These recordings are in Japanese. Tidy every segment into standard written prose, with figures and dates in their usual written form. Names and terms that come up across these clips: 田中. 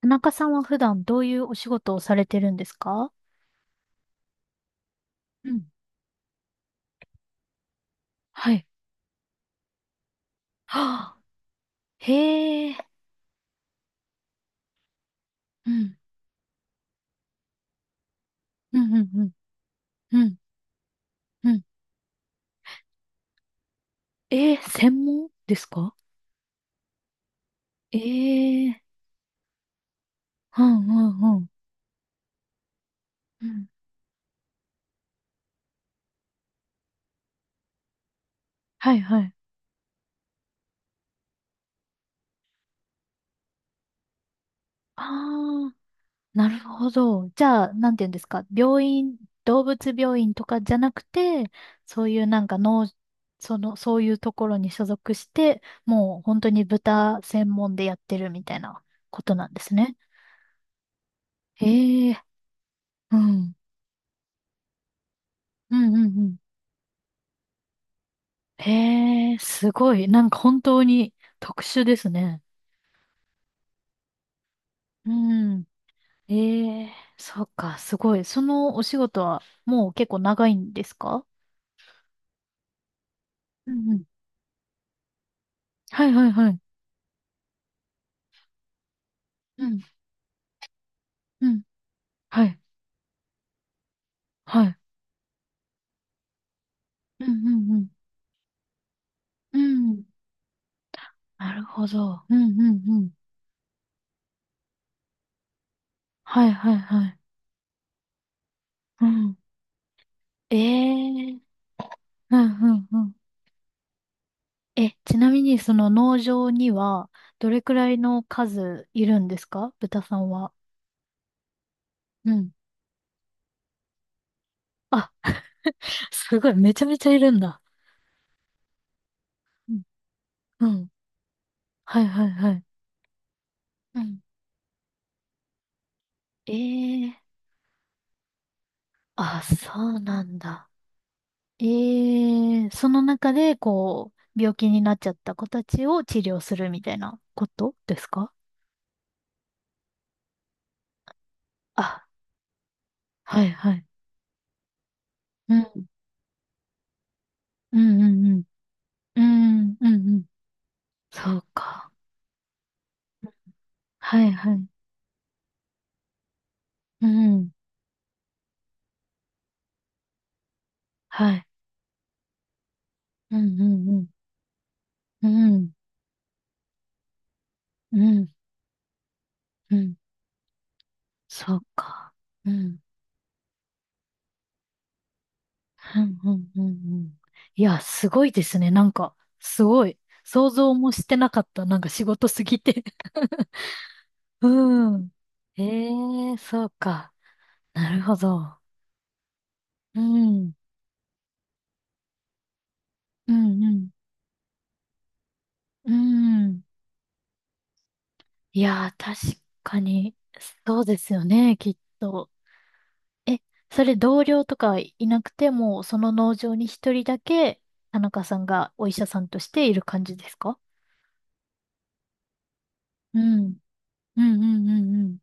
田中さんは普段どういうお仕事をされてるんですか？うん。はい。はあ、へえ。うん。うん、うん、うん。うん、うん。ええ、専門ですか？ええー。うん、うん、うん。うん。はい、はい。ああ、なるほど。じゃあ、なんて言うんですか。病院、動物病院とかじゃなくて、そういうなんかその、そういうところに所属して、もう本当に豚専門でやってるみたいなことなんですね。ええ。うん。うんうんうん。へえ、すごい。なんか本当に特殊ですね。うん。ええ、そっか、すごい。そのお仕事はもう結構長いんですか？うんうん。はいはいはい。うん。うん。はい。はい。うんうんうん。うん。なるほど。うんうんうん。はいはいはい。うん。ええ、うんうんうん。え、ちなみにその農場にはどれくらいの数いるんですか、豚さんは？うん。あ、すごい。めちゃめちゃいるんだ。うん。うん。はいはいはい。うん。ええ、あ、そうなんだ。ええ、その中で、こう、病気になっちゃった子たちを治療するみたいなことですか？あ、はいはい。うん。うんうんうん。うんうんうん。そうか。はいはい。うん。はい。うんうんうん。うん。うん。うん。そうか。うん。うんうんうんうん。いや、すごいですね。なんか、すごい。想像もしてなかった。なんか仕事すぎて。うん。ええ、そうか。なるほど。うん。うん、うん。うん。いやー、確かに、そうですよね、きっと。え、それ同僚とかいなくても、その農場に一人だけ、田中さんがお医者さんとしている感じですか？うん。うん、うん、うん、うん。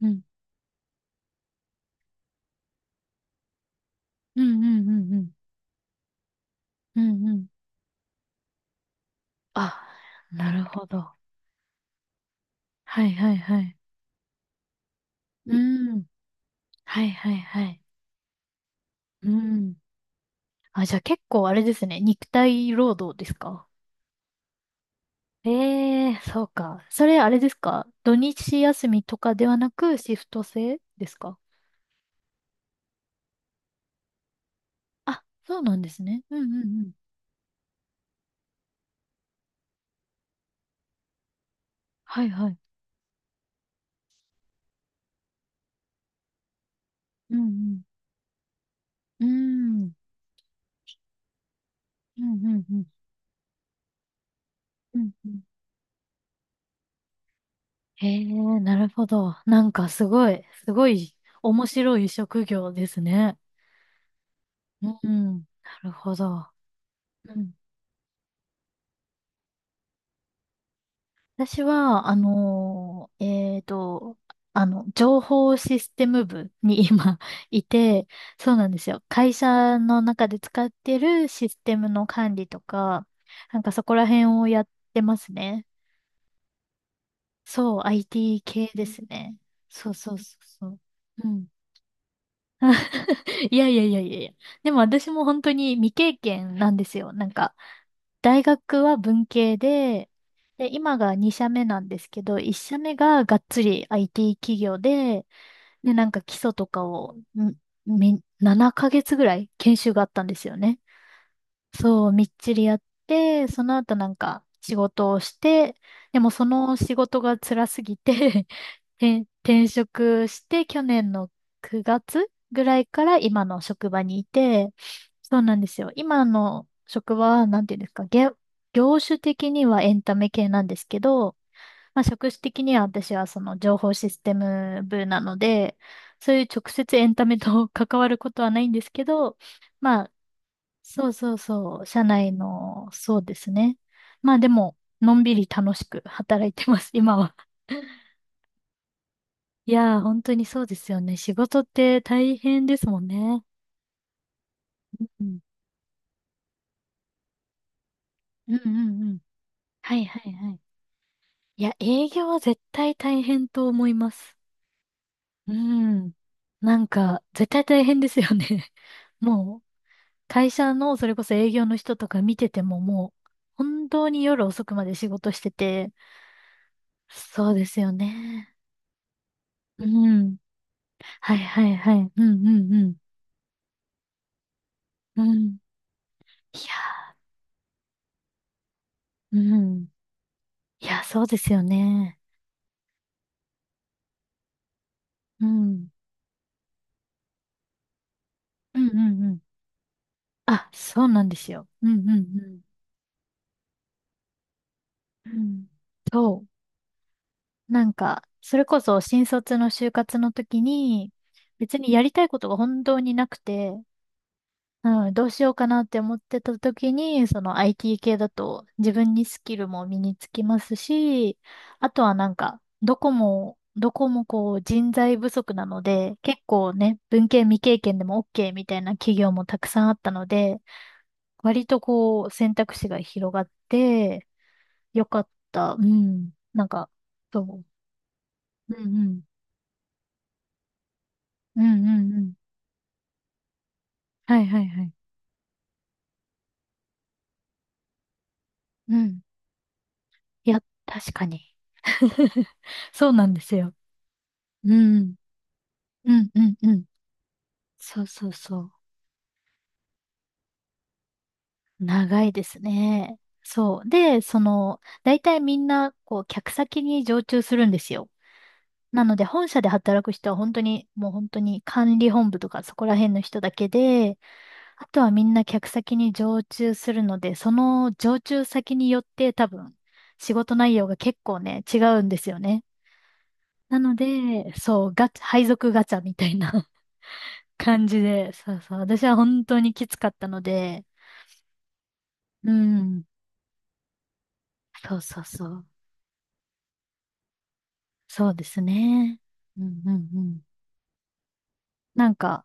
うん、うん、うん、うん。うんうんうん。あ、なるほど。はいはいはい。うん。はいはいはい。うん。あ、じゃあ結構あれですね。肉体労働ですか？ええー、そうか。それあれですか、土日休みとかではなくシフト制ですか？あ、そうなんですね。うんうんうん。はいはい。うんうん。うん。うんうんうん。うんうん。へえ、なるほど。なんかすごい、すごい面白い職業ですね。うん。なるほど。うん、私は、えーと、情報システム部に今 いて、そうなんですよ。会社の中で使ってるシステムの管理とか、なんかそこら辺をやってますね。そう、IT 系ですね。そうそうそうそう。うん。いやいやいやいやいや。でも私も本当に未経験なんですよ。なんか、大学は文系で、で、今が2社目なんですけど、1社目ががっつり IT 企業で、で、なんか基礎とかを、7ヶ月ぐらい研修があったんですよね。そう、みっちりやって、その後なんか仕事をして、でもその仕事が辛すぎて 転職して去年の9月ぐらいから今の職場にいて、そうなんですよ。今の職場は、なんていうんですか、業種的にはエンタメ系なんですけど、まあ、職種的には私はその情報システム部なので、そういう直接エンタメと 関わることはないんですけど、まあ、そうそうそう、社内の、そうですね。まあでも、のんびり楽しく働いてます、今は。いやー、本当にそうですよね。仕事って大変ですもんね。うん。うんうんうん。はいはいはい。いや、営業は絶対大変と思います。うん。なんか、絶対大変ですよね。もう、会社のそれこそ営業の人とか見ててももう、本当に夜遅くまで仕事してて、そうですよね。うん。はいはいはい。うんうんうん。うん。いやー、うん。いや、そうですよね。うん。うんうんうん。あ、そうなんですよ。うんうんうん。うん。そう。なんか、それこそ新卒の就活の時に、別にやりたいことが本当になくて、うん、どうしようかなって思ってた時に、その IT 系だと自分にスキルも身につきますし、あとはなんか、どこも、どこもこう人材不足なので、結構ね、文系未経験でも OK みたいな企業もたくさんあったので、割とこう、選択肢が広がって、よかった。うん。なんか、そう。うんうん。うんうんうん。はいはいはい。うん。いや、確かに。そうなんですよ。うん。うんうんうん。そうそうそう。長いですね。そう。で、その、大体みんな、こう、客先に常駐するんですよ。なので、本社で働く人は本当に、もう本当に管理本部とかそこら辺の人だけで、あとはみんな客先に常駐するので、その常駐先によって多分仕事内容が結構ね、違うんですよね。なので、そう、ガチャ、配属ガチャみたいな 感じで、そうそう、私は本当にきつかったので、うん、そうそうそう、そうですね。うんうんうん。なんか、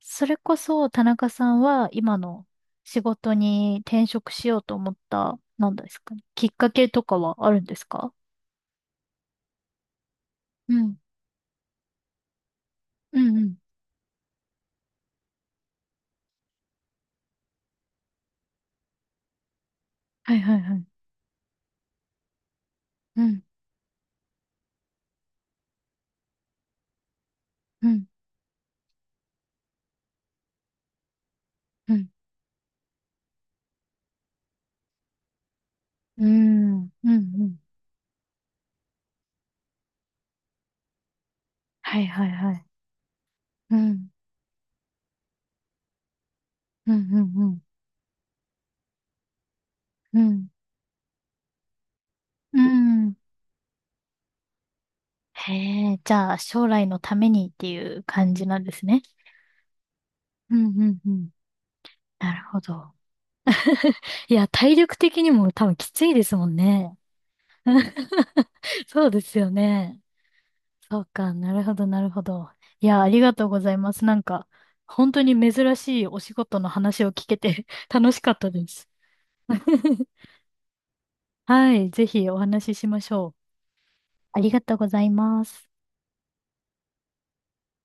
それこそ田中さんは今の仕事に転職しようと思った、なんですかね、きっかけとかはあるんですか？うん、うんうん。はいはいはい。うん、うん、うん、うん、うん、うん。はいはいはい。うん、うん、うん、うん、うん。うん、へえ、じゃあ将来のためにっていう感じなんですね。うん、うん、うん。なるほど。いや、体力的にも多分きついですもんね。そうですよね。そうか、なるほど、なるほど。いや、ありがとうございます。なんか、本当に珍しいお仕事の話を聞けて 楽しかったです。はい、ぜひお話ししましょう。ありがとうございます。